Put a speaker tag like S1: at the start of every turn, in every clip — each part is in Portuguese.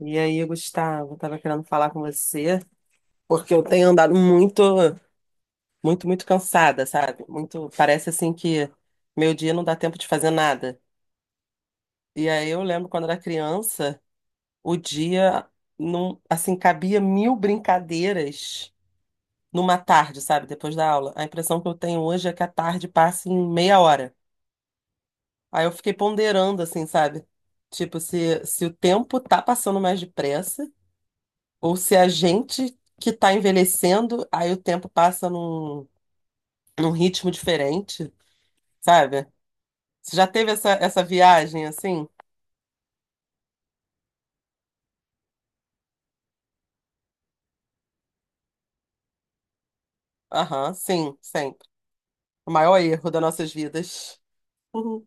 S1: E aí, Gustavo, tava querendo falar com você, porque eu tenho andado muito cansada, sabe? Muito, parece assim que meu dia não dá tempo de fazer nada. E aí eu lembro quando era criança, o dia não, assim, cabia mil brincadeiras numa tarde, sabe? Depois da aula. A impressão que eu tenho hoje é que a tarde passa em meia hora. Aí eu fiquei ponderando assim, sabe? Tipo, se o tempo tá passando mais depressa, ou se a gente que está envelhecendo, aí o tempo passa num ritmo diferente, sabe? Você já teve essa viagem assim? Aham, sim, sempre. O maior erro das nossas vidas. Uhum,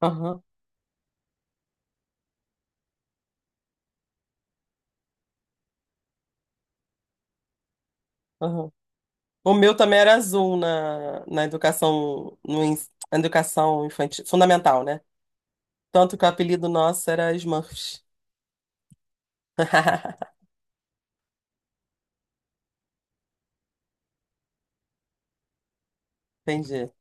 S1: aham, aham. O meu também era azul na educação, no, ens- na educação infantil, fundamental, né? Tanto que o apelido nosso era Smurfs. Entendi.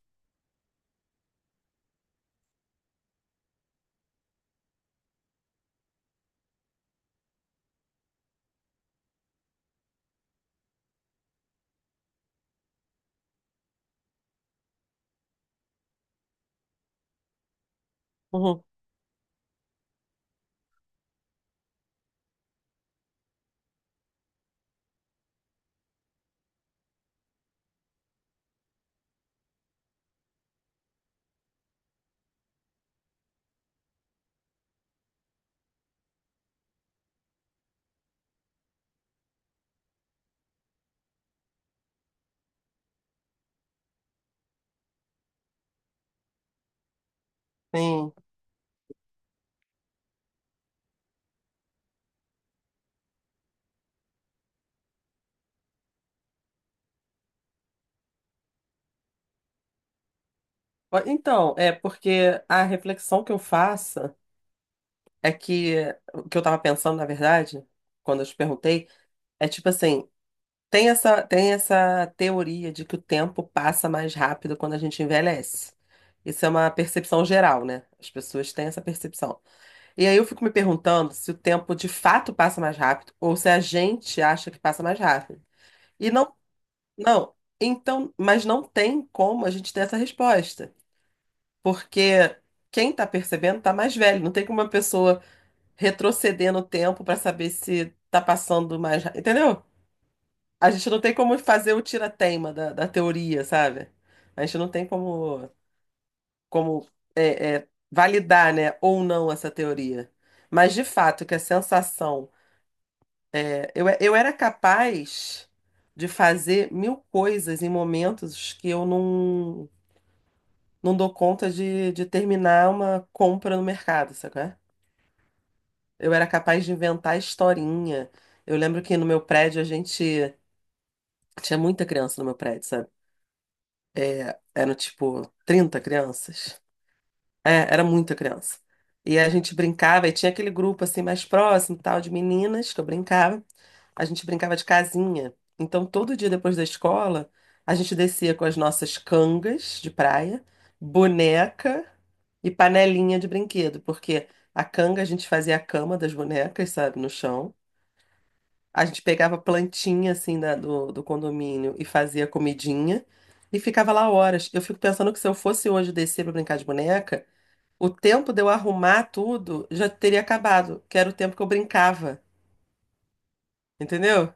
S1: Uhum, sim. Ó, então, é porque a reflexão que eu faço. É que o que eu tava pensando, na verdade, quando eu te perguntei, é tipo assim, tem essa teoria de que o tempo passa mais rápido quando a gente envelhece. Isso é uma percepção geral, né? As pessoas têm essa percepção. E aí eu fico me perguntando se o tempo de fato passa mais rápido ou se a gente acha que passa mais rápido. E não, não. Então, mas não tem como a gente ter essa resposta, porque quem tá percebendo tá mais velho. Não tem como uma pessoa retroceder no tempo para saber se tá passando mais, entendeu? A gente não tem como fazer o tira-teima da teoria, sabe? A gente não tem como, como validar, né, ou não essa teoria. Mas de fato que a sensação, eu era capaz de fazer mil coisas em momentos que eu não não dou conta de terminar uma compra no mercado, sabe? Eu era capaz de inventar historinha. Eu lembro que no meu prédio a gente tinha muita criança no meu prédio, sabe? Eram tipo 30 crianças. É, era muita criança. E a gente brincava, e tinha aquele grupo assim mais próximo, e tal, de meninas que eu brincava. A gente brincava de casinha. Então, todo dia depois da escola, a gente descia com as nossas cangas de praia, boneca e panelinha de brinquedo, porque a canga a gente fazia a cama das bonecas, sabe, no chão. A gente pegava plantinha assim do condomínio e fazia comidinha e ficava lá horas. Eu fico pensando que se eu fosse hoje descer pra brincar de boneca, o tempo de eu arrumar tudo já teria acabado, que era o tempo que eu brincava, entendeu?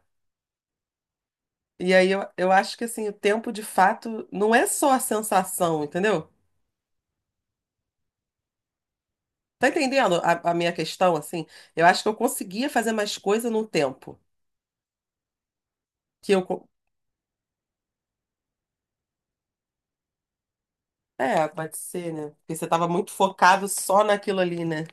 S1: E aí eu acho que assim, o tempo de fato não é só a sensação, entendeu? Tá entendendo a minha questão, assim? Eu acho que eu conseguia fazer mais coisa num tempo que é, pode ser, né? Porque você tava muito focado só naquilo ali, né?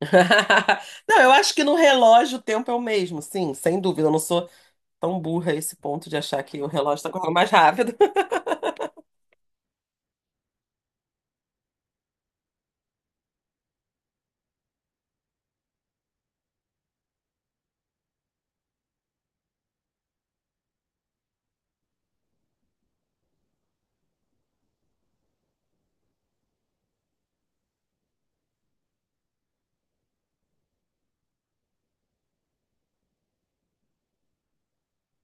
S1: Não, eu acho que no relógio o tempo é o mesmo, sim, sem dúvida. Eu não sou tão burra a esse ponto de achar que o relógio está correndo mais rápido.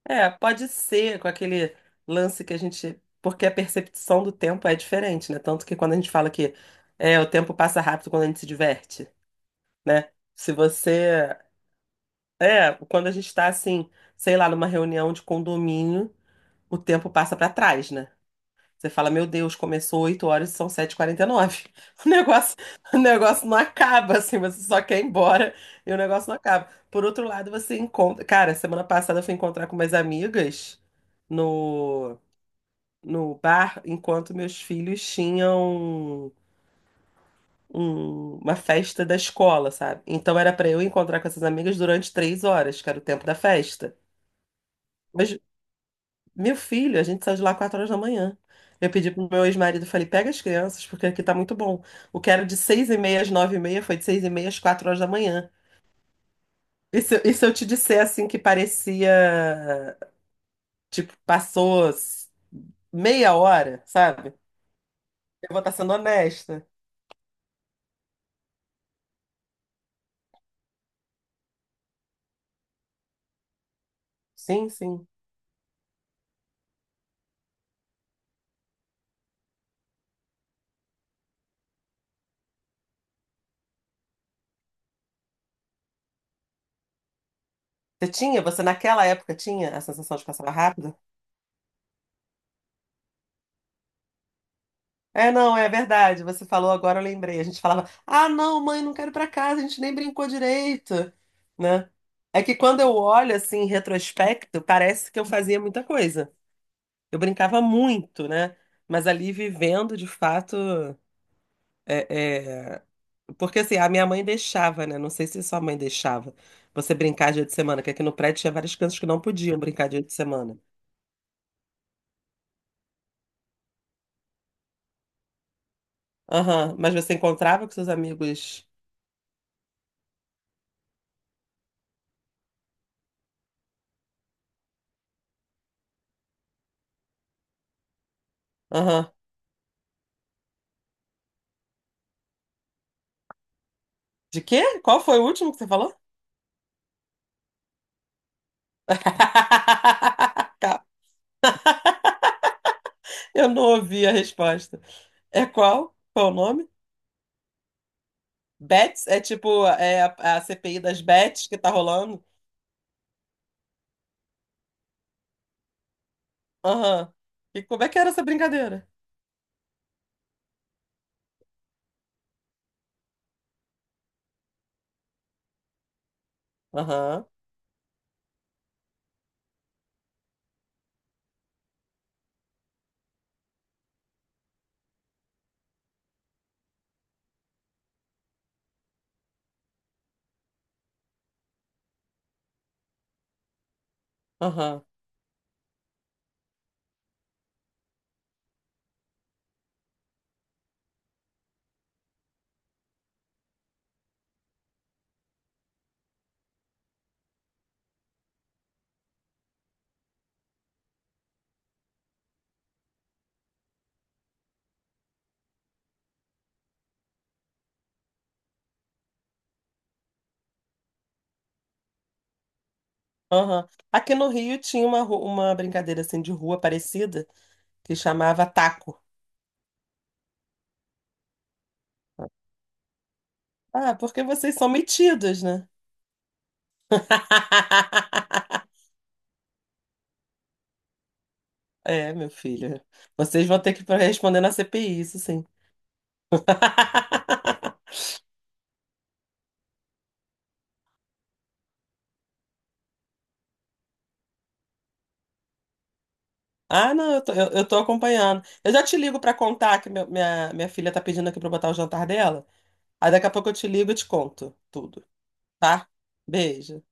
S1: É, pode ser com aquele lance que a gente. Porque a percepção do tempo é diferente, né? Tanto que quando a gente fala que o tempo passa rápido quando a gente se diverte, né? Se você. É, quando a gente está assim, sei lá, numa reunião de condomínio, o tempo passa para trás, né? Você fala, meu Deus, começou 8 horas e são sete e quarenta e nove. O negócio, o negócio não acaba, assim, você só quer ir embora e o negócio não acaba. Por outro lado, você encontra. Cara, semana passada eu fui encontrar com umas amigas no, no bar, enquanto meus filhos tinham uma festa da escola, sabe? Então era pra eu encontrar com essas amigas durante três horas, que era o tempo da festa. Mas, meu filho, a gente saiu de lá quatro horas da manhã. Eu pedi pro meu ex-marido, falei, pega as crianças, porque aqui tá muito bom. O que era de seis e meia às nove e meia foi de seis e meia às quatro horas da manhã. E se eu te disser, assim, que parecia, tipo, meia hora, sabe? Eu vou estar sendo honesta. Sim, sim. Você naquela época tinha a sensação de que passava rápido? É, não, é verdade. Você falou agora, eu lembrei. A gente falava, ah, não, mãe, não quero ir pra casa, a gente nem brincou direito, né? É que quando eu olho assim em retrospecto, parece que eu fazia muita coisa. Eu brincava muito, né? Mas ali vivendo, de fato, é, é- porque assim, a minha mãe deixava, né? Não sei se sua mãe deixava você brincar dia de semana, que aqui no prédio tinha várias crianças que não podiam brincar dia de semana. Aham, mas você encontrava com seus amigos. Aham. De quê? Qual foi o último que você falou? Tá. Eu não ouvi a resposta. É qual? Qual o nome? Bets? É tipo é a CPI das Bets que tá rolando? Aham. E como é que era essa brincadeira? Aham, aham, aham. Aqui no Rio tinha uma, uma brincadeira assim de rua parecida que chamava taco. Ah, porque vocês são metidos, né? É, meu filho. Vocês vão ter que responder na CPI, isso sim. Ah, não, eu tô, eu tô acompanhando. Eu já te ligo pra contar que minha filha tá pedindo aqui pra eu botar o jantar dela. Aí daqui a pouco eu te ligo e te conto tudo, tá? Beijo.